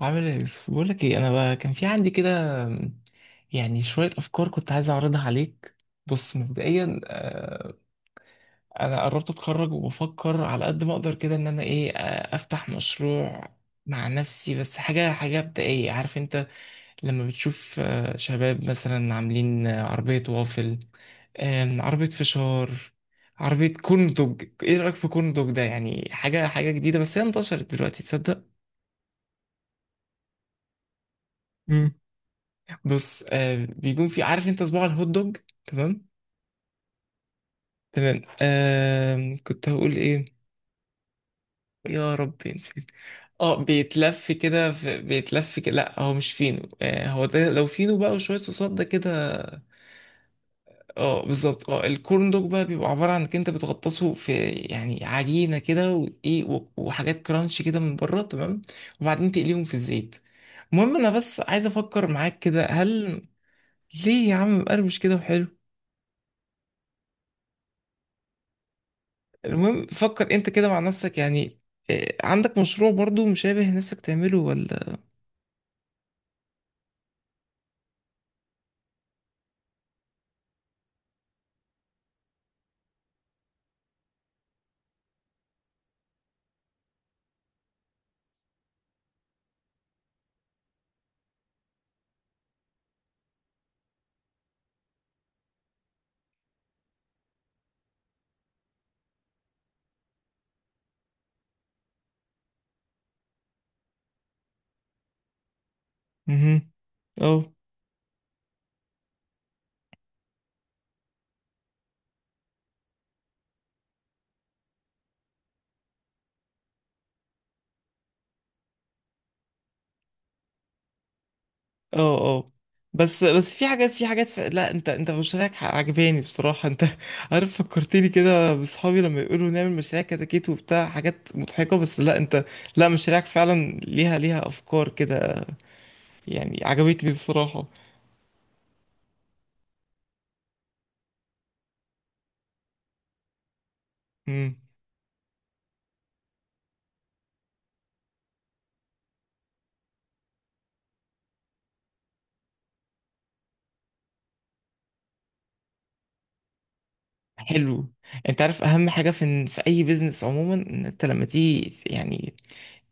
عامل ايه يا يوسف؟ بقول لك ايه، انا بقى كان في عندي كده يعني شويه افكار كنت عايز اعرضها عليك. بص مبدئيا انا قربت اتخرج وبفكر على قد ما اقدر كده ان انا ايه، افتح مشروع مع نفسي. بس حاجه مبدئيه، عارف انت لما بتشوف شباب مثلا عاملين عربيه وافل، عربيه فشار، عربيه كورن دوج. ايه رايك في كورن دوج ده؟ يعني حاجه جديده بس هي انتشرت دلوقتي، تصدق. بص، آه، بيكون في، عارف انت، صباع الهوت دوج. تمام. تمام، آه، كنت هقول ايه؟ يا رب نسيت. اه، بيتلف كده، بيتلف كده. لا هو مش فينو، آه، هو ده لو فينو بقى وشويه صوصات ده كده. اه بالظبط، اه، الكورن دوج بقى بيبقى عباره عن انك انت بتغطسه في يعني عجينه كده، وايه وحاجات كرانش كده من بره، تمام، وبعدين تقليهم في الزيت. المهم، انا بس عايز افكر معاك كده، هل ليه يا عم مقرمش كده وحلو. المهم، فكر انت كده مع نفسك يعني، إيه، عندك مشروع برضو مشابه نفسك تعمله ولا؟ امم. اه. اه. اه. بس في حاجات لا، انت مشاريعك عجباني بصراحة، انت عارف فكرتني كده بصحابي لما يقولوا نعمل مشاريع كتاكيت وبتاع، حاجات مضحكة، بس لا انت، لا، مشاريعك فعلا ليها افكار كده، يعني عجبتني بصراحة. امم. حلو. انت عارف اهم حاجة في اي بيزنس عموما، ان انت لما تيجي يعني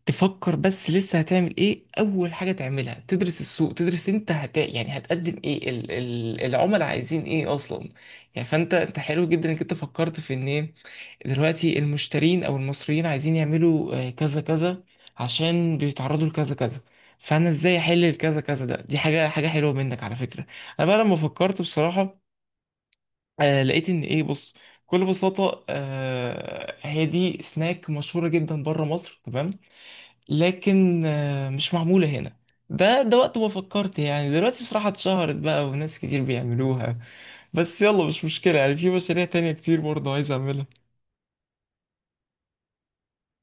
تفكر بس لسه هتعمل ايه، اول حاجه تعملها تدرس السوق، تدرس انت هت، يعني هتقدم ايه، العملاء عايزين ايه اصلا. يعني فانت انت حلو جدا انك انت فكرت في ان ايه، دلوقتي المشترين او المصريين عايزين يعملوا كذا كذا عشان بيتعرضوا لكذا كذا، فانا ازاي احل الكذا كذا ده. دي حاجه حلوه منك على فكره. انا بقى لما فكرت بصراحه، لقيت ان ايه، بص، بكل بساطه، هي دي سناك مشهوره جدا بره مصر تمام، لكن مش معمولة هنا. ده وقت ما فكرت يعني، دلوقتي بصراحة اتشهرت بقى وناس كتير بيعملوها. بس يلا مش مشكلة، يعني في مشاريع تانية كتير برضه عايز أعملها.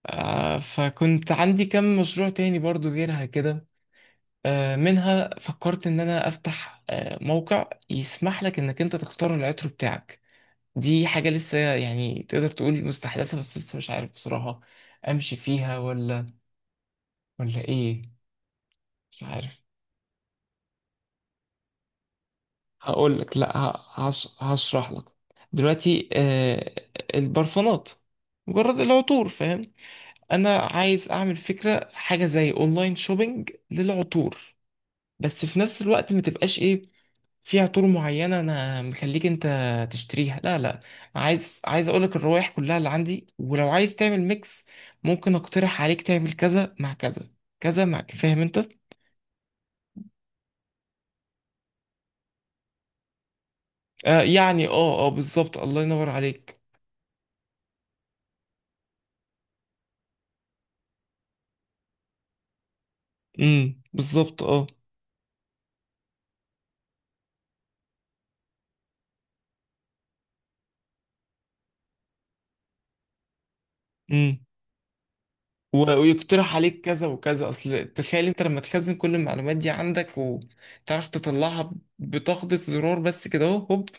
آه، فكنت عندي كم مشروع تاني برضه غيرها كده. آه، منها فكرت إن أنا أفتح آه موقع يسمح لك إنك أنت تختار العطر بتاعك. دي حاجة لسه يعني تقدر تقول مستحدثة، بس لسه مش عارف بصراحة أمشي فيها ولا ولا إيه. مش عارف. هقول لك، لا هشرح لك. دلوقتي، آه، البرفانات، مجرد العطور، فاهم. انا عايز اعمل فكره حاجه زي اونلاين شوبينج للعطور، بس في نفس الوقت ما تبقاش ايه، في عطور معينه انا مخليك انت تشتريها، لا لا، عايز اقول لك الروائح كلها اللي عندي، ولو عايز تعمل ميكس ممكن اقترح عليك تعمل كذا مع كذا، كذا مع، فاهم انت. آه يعني، اه اه بالظبط، الله ينور عليك. بالظبط اه. امم. ويقترح عليك كذا وكذا. اصل تخيل انت لما تخزن كل المعلومات دي عندك وتعرف تطلعها بتخبطة زرار بس كده، اهو هوب،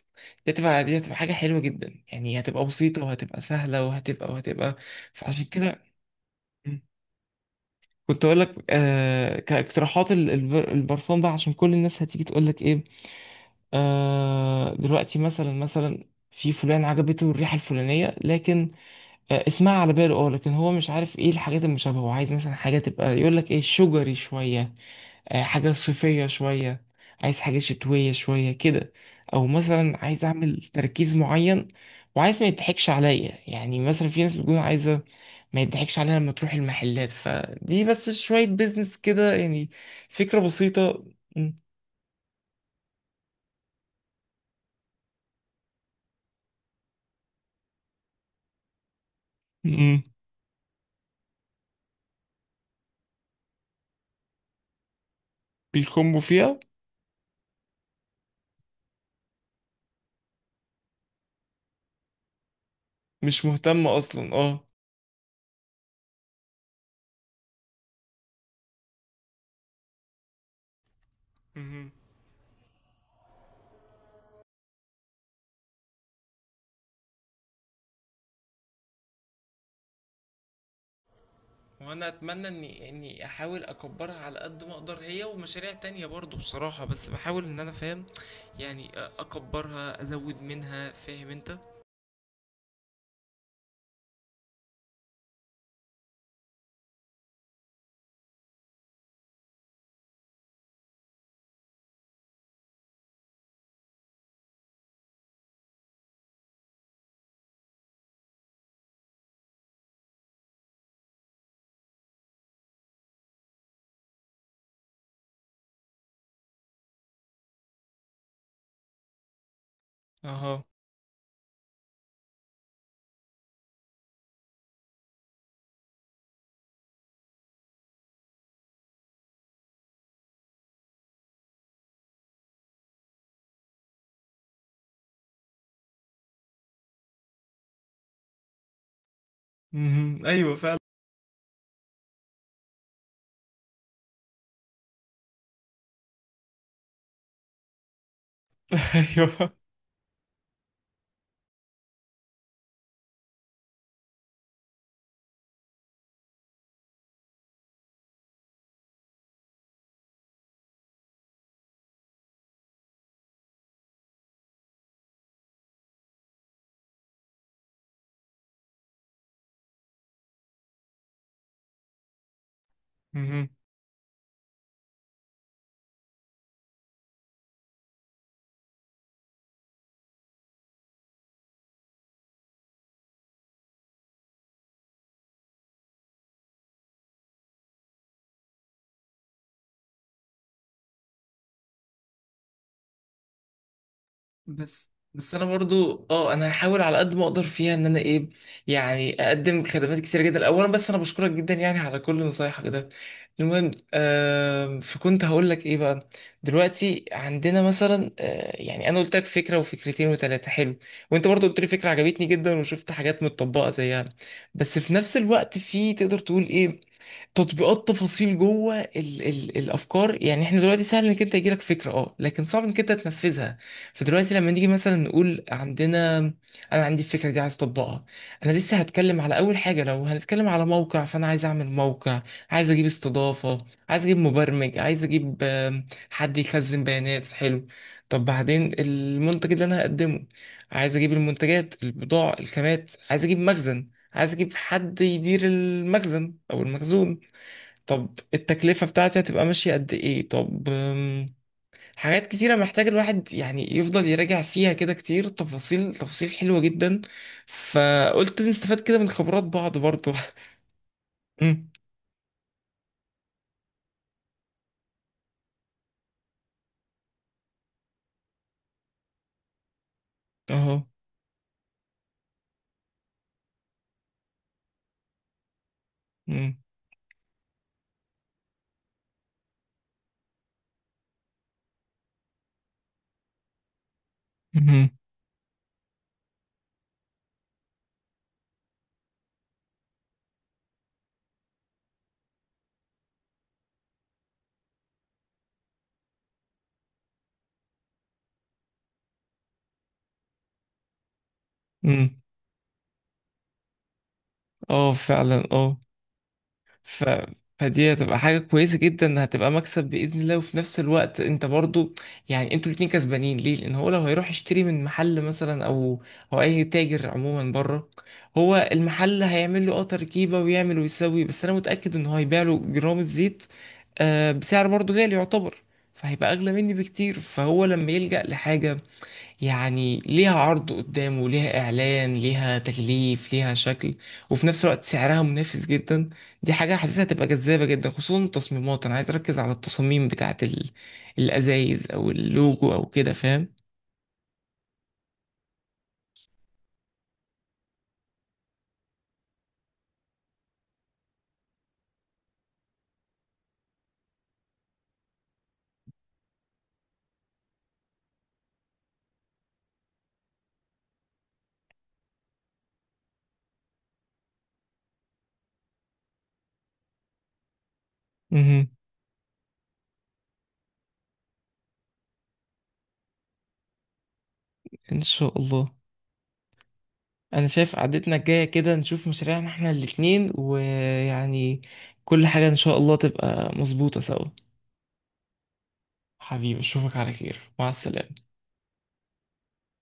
دي هتبقى حاجة حلوة جدا، يعني هتبقى بسيطة وهتبقى سهلة وهتبقى وهتبقى. فعشان كده كنت اقول لك، آه، كاقتراحات البرفان بقى، عشان كل الناس هتيجي تقول لك ايه، آه، دلوقتي مثلا، مثلا في فلان عجبته الريحة الفلانية، لكن اسمها على باله، اه، لكن هو مش عارف ايه الحاجات المشابهة، هو عايز مثلا حاجة تبقى، يقول لك ايه، شجري شوية، حاجة صيفية شوية، عايز حاجة شتوية شوية كده، او مثلا عايز اعمل تركيز معين، وعايز ما يضحكش عليا. يعني مثلا في ناس بتكون عايزة ما يضحكش عليها لما تروح المحلات، فدي بس شوية بيزنس كده يعني، فكرة بسيطة. م- م- بيخموا فيها. مش مهتم اصلا، اه. مهم. وانا اتمنى اني احاول اكبرها على قد ما اقدر، هي ومشاريع تانية برضو بصراحة، بس بحاول ان انا فاهم يعني، اكبرها، ازود منها، فاهم انت. اها. مهم. ايوه فعلا. ايوه. مهم. بس انا برضو، اه، انا هحاول على قد ما اقدر فيها ان انا ايه، يعني اقدم خدمات كتير جدا اولا. بس انا بشكرك جدا يعني على كل نصايحك ده. المهم، آه، فكنت هقول لك ايه بقى. دلوقتي عندنا مثلا، آه، يعني انا قلت لك فكره وفكرتين وثلاثه، حلو، وانت برضو قلت لي فكره عجبتني جدا، وشفت حاجات متطبقه زيها. بس في نفس الوقت في، تقدر تقول ايه، تطبيقات تفاصيل جوه ال ال الافكار. يعني احنا دلوقتي سهل انك انت يجيلك فكره، اه، لكن صعب انك انت تنفذها. فدلوقتي لما نيجي مثلا نقول عندنا، انا عندي الفكره دي عايز اطبقها. انا لسه هتكلم على اول حاجه، لو هنتكلم على موقع، فانا عايز اعمل موقع، عايز اجيب استضافه، عايز اجيب مبرمج، عايز اجيب حد يخزن بيانات. حلو، طب بعدين المنتج اللي انا هقدمه، عايز اجيب المنتجات، البضاعه، الخامات، عايز اجيب مخزن، عايز اجيب حد يدير المخزن او المخزون. طب التكلفة بتاعتي هتبقى ماشية قد ايه؟ طب حاجات كتيرة محتاج الواحد يعني يفضل يراجع فيها كده كتير، تفاصيل تفاصيل حلوة جدا. فقلت نستفاد كده من خبرات بعض برضو. أمم. اهو. أمم. أمم. أمم. اه فعلا، اه. ف... فدي هتبقى حاجة كويسة جدا، هتبقى مكسب بإذن الله. وفي نفس الوقت انت برضو، يعني انتوا الاتنين كسبانين، ليه؟ لأن هو لو هيروح يشتري من محل مثلا أو أو أي تاجر عموما بره، هو المحل هيعمل له اه تركيبة ويعمل ويسوي، بس أنا متأكد إن هو هيبيع له جرام الزيت، آه، بسعر برضو غالي يعتبر، فهيبقى أغلى مني بكتير. فهو لما يلجأ لحاجة يعني ليها عرض قدام وليها إعلان ليها تكليف ليها شكل، وفي نفس الوقت سعرها منافس جدا، دي حاجة حاسسها تبقى جذابة جدا، خصوصا التصميمات. أنا عايز أركز على التصاميم بتاعة الأزايز أو اللوجو أو كده، فاهم. مهم. إن شاء الله. أنا شايف قعدتنا الجاية كده نشوف مشاريعنا إحنا الاتنين، ويعني كل حاجة إن شاء الله تبقى مظبوطة سوا. حبيبي أشوفك على خير، مع السلامة.